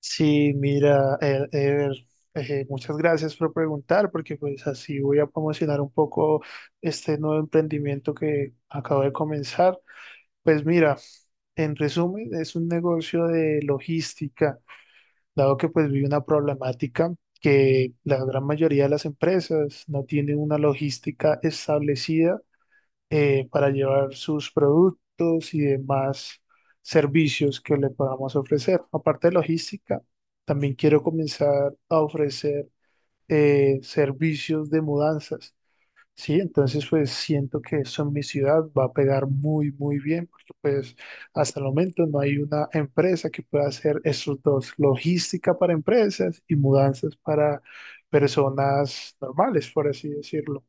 Sí, mira, Ever, muchas gracias por preguntar, porque pues así voy a promocionar un poco este nuevo emprendimiento que acabo de comenzar. Pues mira, en resumen, es un negocio de logística, dado que pues vi una problemática que la gran mayoría de las empresas no tienen una logística establecida para llevar sus productos y demás servicios que le podamos ofrecer. Aparte de logística, también quiero comenzar a ofrecer servicios de mudanzas. Sí, entonces pues siento que eso en mi ciudad va a pegar muy, muy bien, porque pues hasta el momento no hay una empresa que pueda hacer esos dos, logística para empresas y mudanzas para personas normales, por así decirlo.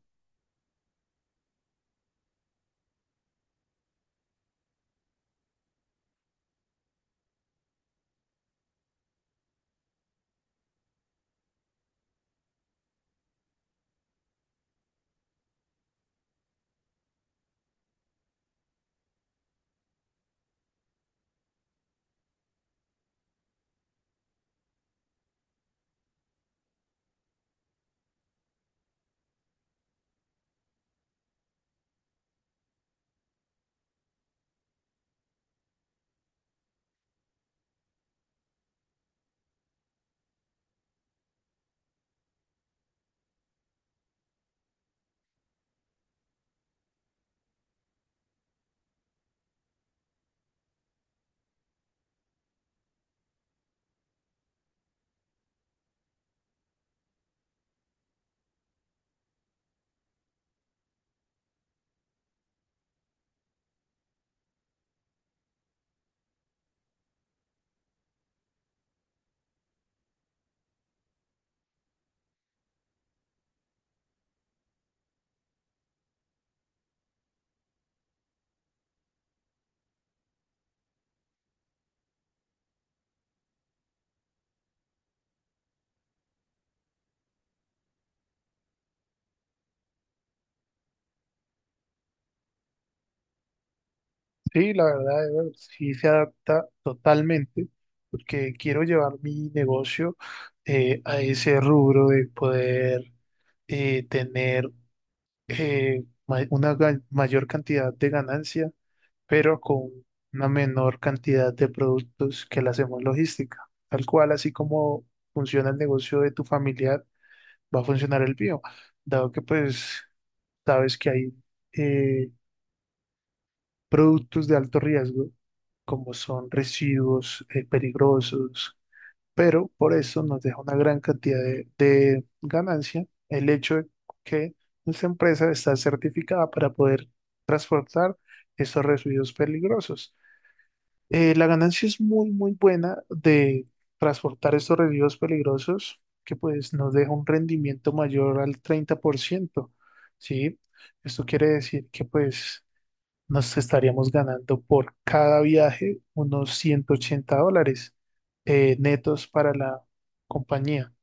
Sí, la verdad, Ever, sí se adapta totalmente, porque quiero llevar mi negocio a ese rubro de poder tener una mayor cantidad de ganancia, pero con una menor cantidad de productos que la hacemos logística. Tal cual, así como funciona el negocio de tu familiar, va a funcionar el mío, dado que pues sabes que hay eh, productos de alto riesgo, como son residuos peligrosos, pero por eso nos deja una gran cantidad de ganancia el hecho de que nuestra empresa está certificada para poder transportar estos residuos peligrosos. La ganancia es muy, muy buena de transportar estos residuos peligrosos, que pues nos deja un rendimiento mayor al 30%, ¿sí? Esto quiere decir que pues nos estaríamos ganando por cada viaje unos $180 netos para la compañía.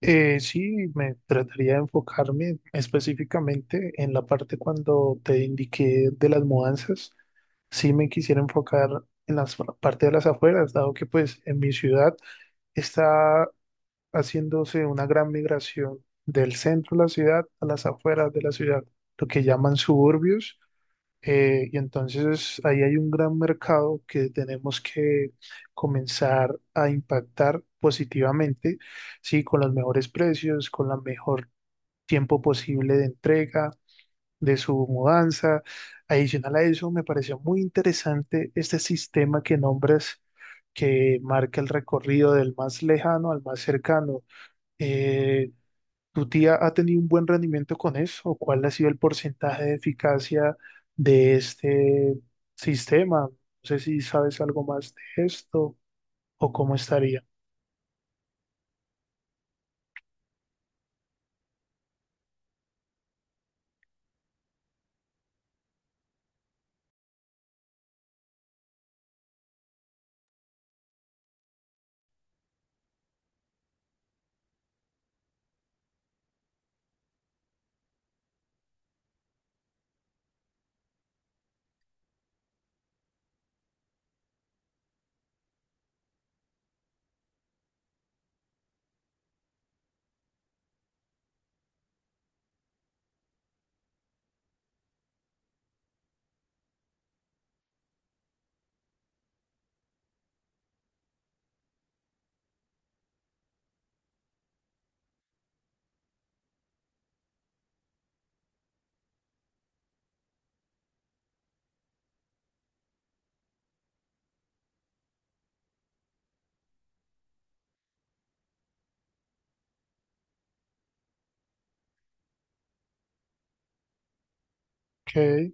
Sí, me trataría de enfocarme específicamente en la parte cuando te indiqué de las mudanzas. Sí me quisiera enfocar en la parte de las afueras, dado que pues en mi ciudad está haciéndose una gran migración del centro de la ciudad a las afueras de la ciudad, lo que llaman suburbios. Y entonces ahí hay un gran mercado que tenemos que comenzar a impactar positivamente, sí, con los mejores precios, con el mejor tiempo posible de entrega, de su mudanza. Adicional a eso, me pareció muy interesante este sistema que nombras, que marca el recorrido del más lejano al más cercano. Eh, ¿Tu tía ha tenido un buen rendimiento con eso? ¿Cuál ha sido el porcentaje de eficacia de este sistema? No sé si sabes algo más de esto o cómo estaría. Ok,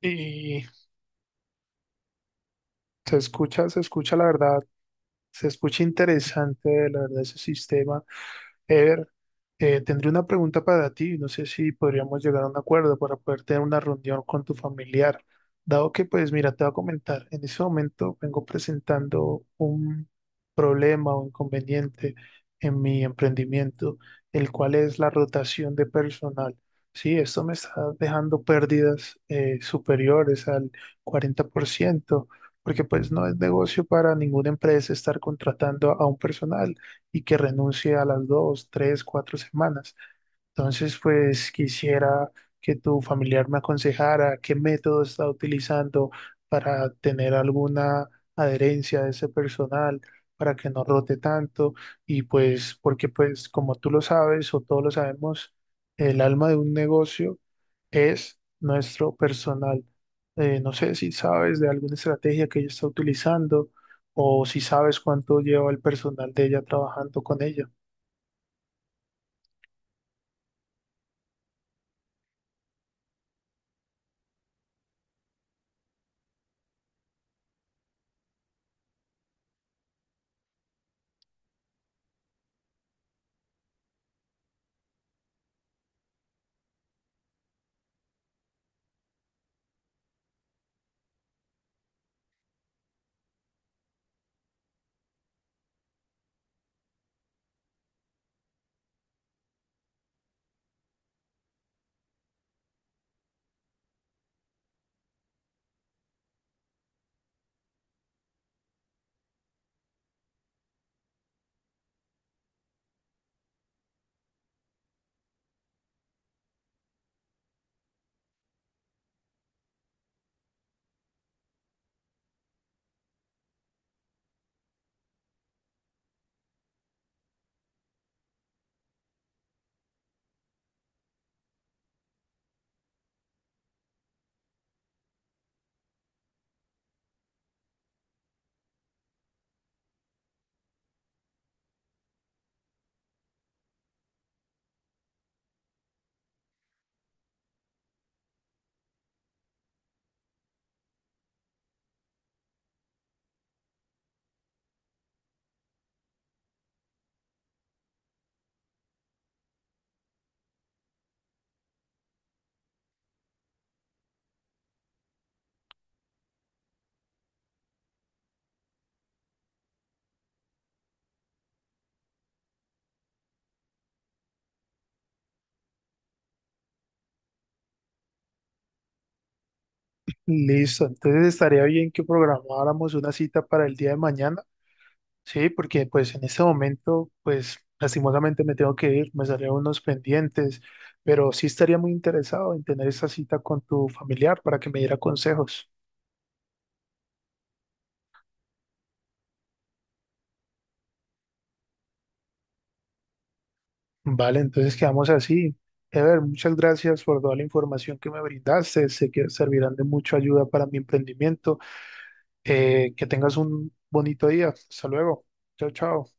y se escucha la verdad, se escucha interesante la verdad ese sistema. Eder, tendré una pregunta para ti. No sé si podríamos llegar a un acuerdo para poder tener una reunión con tu familiar. Dado que, pues, mira, te voy a comentar, en ese momento vengo presentando un problema o inconveniente en mi emprendimiento, el cual es la rotación de personal. Sí, esto me está dejando pérdidas superiores al 40%, porque pues no es negocio para ninguna empresa estar contratando a un personal y que renuncie a las dos, tres, cuatro semanas. Entonces, pues quisiera que tu familiar me aconsejara qué método está utilizando para tener alguna adherencia de ese personal, para que no rote tanto. Y pues, porque pues como tú lo sabes o todos lo sabemos, el alma de un negocio es nuestro personal. No sé si sabes de alguna estrategia que ella está utilizando o si sabes cuánto lleva el personal de ella trabajando con ella. Listo, entonces estaría bien que programáramos una cita para el día de mañana, sí, porque pues en este momento, pues lastimosamente me tengo que ir, me salieron unos pendientes, pero sí estaría muy interesado en tener esa cita con tu familiar para que me diera consejos. Vale, entonces quedamos así. Ever, muchas gracias por toda la información que me brindaste, sé que servirán de mucha ayuda para mi emprendimiento. Que tengas un bonito día, hasta luego, chao, chao.